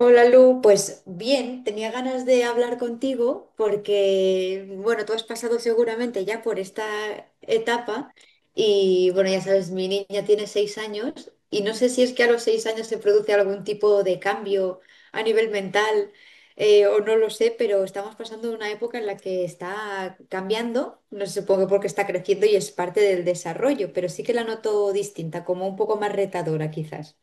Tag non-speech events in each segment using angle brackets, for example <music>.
Hola Lu, pues bien, tenía ganas de hablar contigo porque, bueno, tú has pasado seguramente ya por esta etapa y, bueno, ya sabes, mi niña tiene 6 años y no sé si es que a los 6 años se produce algún tipo de cambio a nivel mental, o no lo sé, pero estamos pasando una época en la que está cambiando, no sé, supongo porque está creciendo y es parte del desarrollo, pero sí que la noto distinta, como un poco más retadora quizás.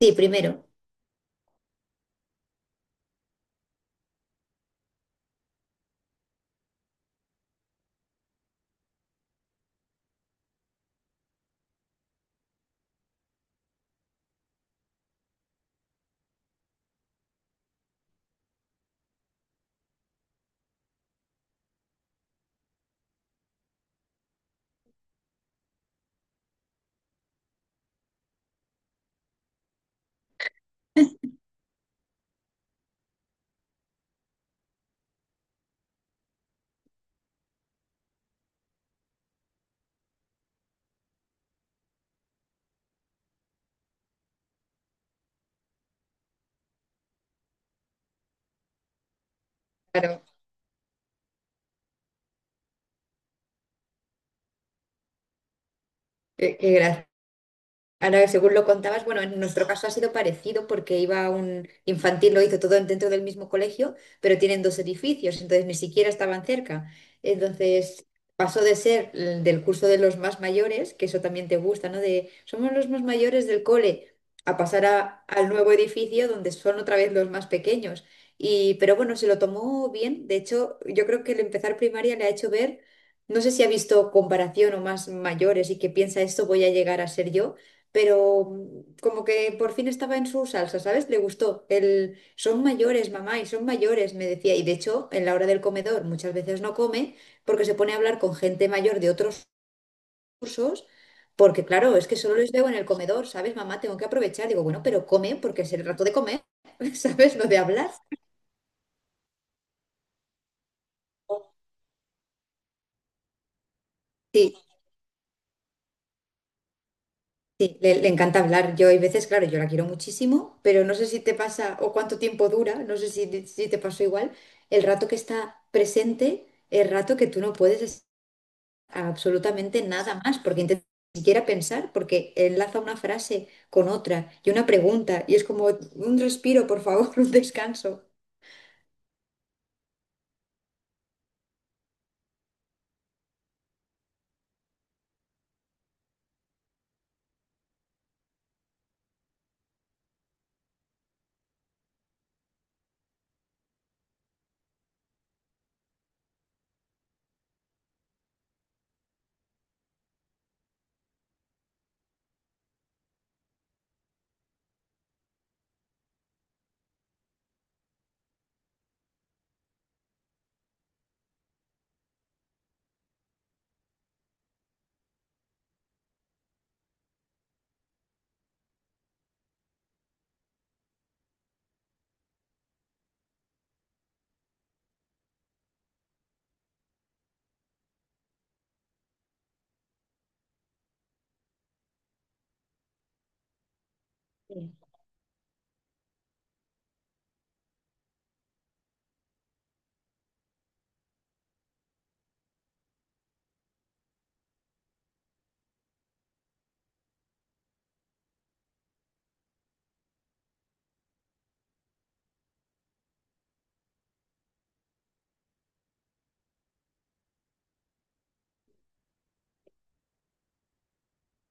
Sí, primero. Claro. Qué gracias. Ahora, según lo contabas, bueno, en nuestro caso ha sido parecido porque iba a un infantil, lo hizo todo dentro del mismo colegio, pero tienen dos edificios, entonces ni siquiera estaban cerca. Entonces pasó de ser el del curso de los más mayores, que eso también te gusta, ¿no? De somos los más mayores del cole, a pasar al nuevo edificio donde son otra vez los más pequeños. Y, pero bueno, se lo tomó bien. De hecho, yo creo que el empezar primaria le ha hecho ver, no sé si ha visto comparación o más mayores y que piensa esto voy a llegar a ser yo, pero como que por fin estaba en su salsa, ¿sabes? Le gustó. Son mayores, mamá, y son mayores, me decía. Y de hecho, en la hora del comedor muchas veces no come porque se pone a hablar con gente mayor de otros cursos, porque claro, es que solo les veo en el comedor, ¿sabes? Mamá, tengo que aprovechar. Digo, bueno, pero come porque es el rato de comer. <laughs> ¿Sabes? Lo de hablar. Sí. Sí, le encanta hablar. Yo hay veces, claro, yo la quiero muchísimo, pero no sé si te pasa o cuánto tiempo dura, no sé si te pasó igual. El rato que está presente, el rato que tú no puedes absolutamente nada más, porque intentas ni siquiera pensar, porque enlaza una frase con otra y una pregunta, y es como un respiro, por favor, <laughs> un descanso.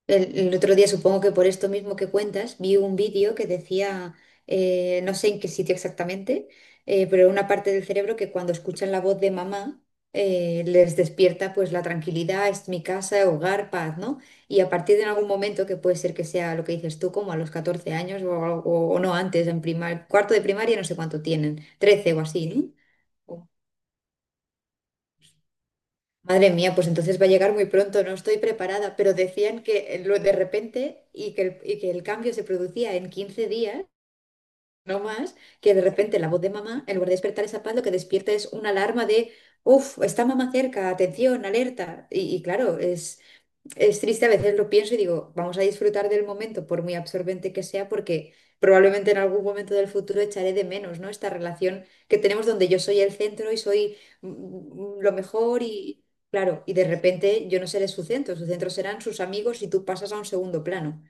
El otro día, supongo que por esto mismo que cuentas, vi un vídeo que decía, no sé en qué sitio exactamente, pero una parte del cerebro que cuando escuchan la voz de mamá les despierta pues la tranquilidad, es mi casa, hogar, paz, ¿no? Y a partir de algún momento, que puede ser que sea lo que dices tú, como a los 14 años o no antes, en primar cuarto de primaria, no sé cuánto tienen, 13 o así, ¿no? Madre mía, pues entonces va a llegar muy pronto, no estoy preparada, pero decían que lo de repente y que el cambio se producía en 15 días, no más, que de repente la voz de mamá, en lugar de despertar esa paz, lo que despierta es una alarma de, uff, está mamá cerca, atención, alerta. Y claro, es triste, a veces lo pienso y digo, vamos a disfrutar del momento, por muy absorbente que sea, porque probablemente en algún momento del futuro echaré de menos, ¿no? Esta relación que tenemos donde yo soy el centro y soy lo mejor y, claro, y de repente yo no seré su centro serán sus amigos y tú pasas a un segundo plano.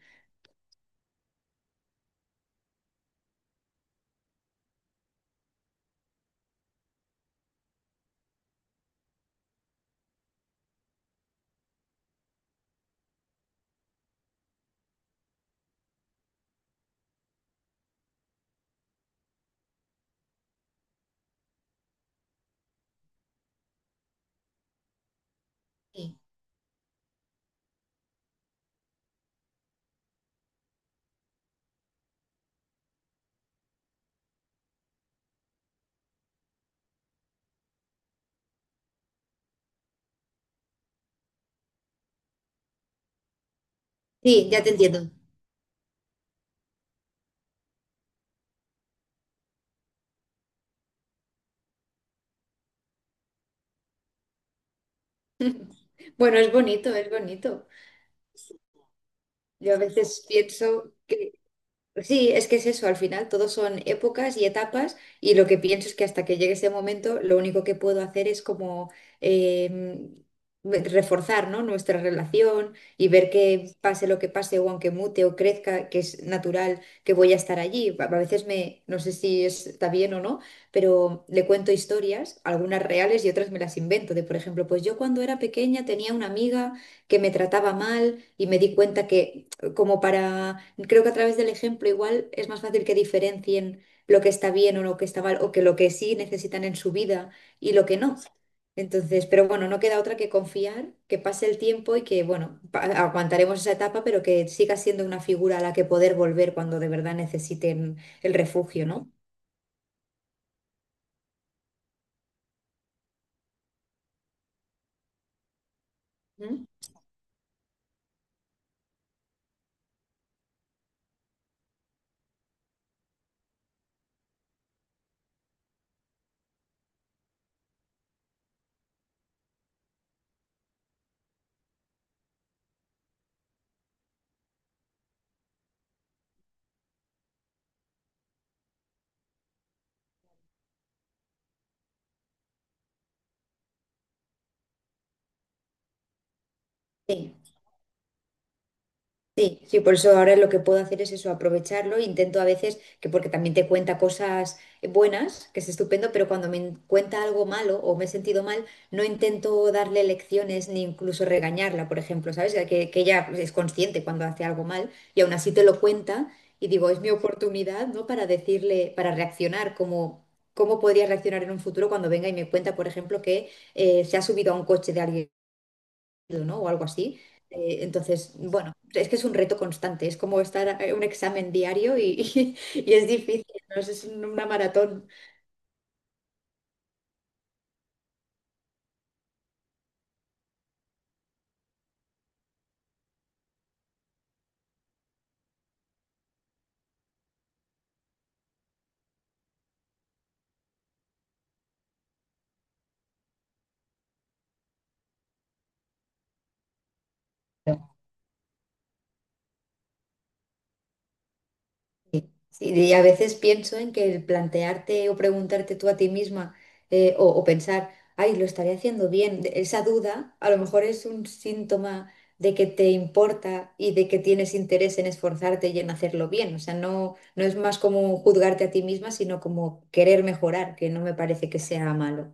Sí, sí, sí, ya te entiendo. <laughs> Bueno, es bonito, es bonito. Yo a veces pienso que sí, es que es eso, al final todo son épocas y etapas y lo que pienso es que hasta que llegue ese momento lo único que puedo hacer es como, em, reforzar, ¿no? Nuestra relación y ver que pase lo que pase o aunque mute o crezca, que es natural que voy a estar allí. A veces me, no sé si está bien o no, pero le cuento historias, algunas reales y otras me las invento, de por ejemplo, pues yo cuando era pequeña tenía una amiga que me trataba mal y me di cuenta que como para, creo que a través del ejemplo igual es más fácil que diferencien lo que está bien o lo que está mal, o que lo que sí necesitan en su vida y lo que no. Entonces, pero bueno, no queda otra que confiar, que pase el tiempo y que, bueno, aguantaremos esa etapa, pero que siga siendo una figura a la que poder volver cuando de verdad necesiten el refugio, ¿no? ¿Mm? Sí. Sí, sí, por eso ahora lo que puedo hacer es eso, aprovecharlo. Intento a veces, que porque también te cuenta cosas buenas, que es estupendo, pero cuando me cuenta algo malo o me he sentido mal, no intento darle lecciones ni incluso regañarla, por ejemplo, ¿sabes? Que ella es consciente cuando hace algo mal y aún así te lo cuenta, y digo, es mi oportunidad, ¿no? Para decirle, para reaccionar como… ¿Cómo podría reaccionar en un futuro cuando venga y me cuenta, por ejemplo, que se ha subido a un coche de alguien? ¿No? O algo así. Entonces, bueno, es que es un reto constante, es como estar un examen diario y, <laughs> y, es difícil, ¿no? Es una maratón. Sí, y a veces pienso en que el plantearte o preguntarte tú a ti misma, o pensar, ay, lo estaré haciendo bien, esa duda a lo mejor es un síntoma de que te importa y de que tienes interés en esforzarte y en hacerlo bien. O sea, no, no es más como juzgarte a ti misma, sino como querer mejorar, que no me parece que sea malo.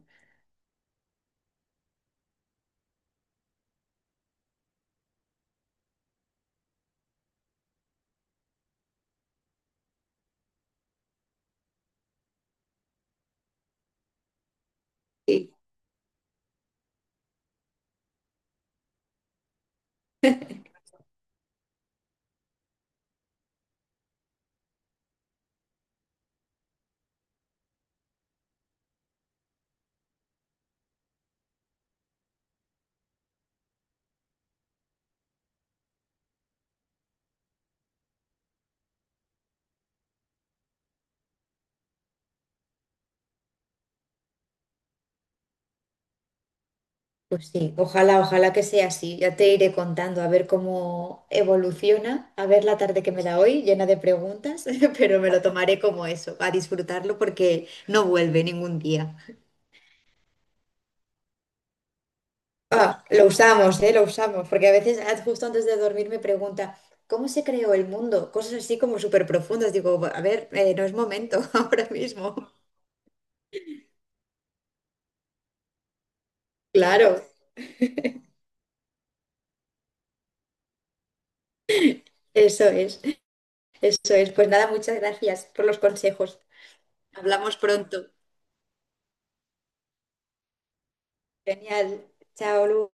Pues sí, ojalá, ojalá que sea así. Ya te iré contando a ver cómo evoluciona, a ver la tarde que me da hoy, llena de preguntas, <laughs> pero me lo tomaré como eso, a disfrutarlo porque no vuelve ningún día. Ah, lo usamos, ¿eh? Lo usamos, porque a veces justo antes de dormir me pregunta, ¿cómo se creó el mundo? Cosas así como súper profundas. Digo, a ver, no es momento <laughs> ahora mismo. Claro, eso es, eso es. Pues nada, muchas gracias por los consejos. Hablamos pronto. Genial. Chao, Lu.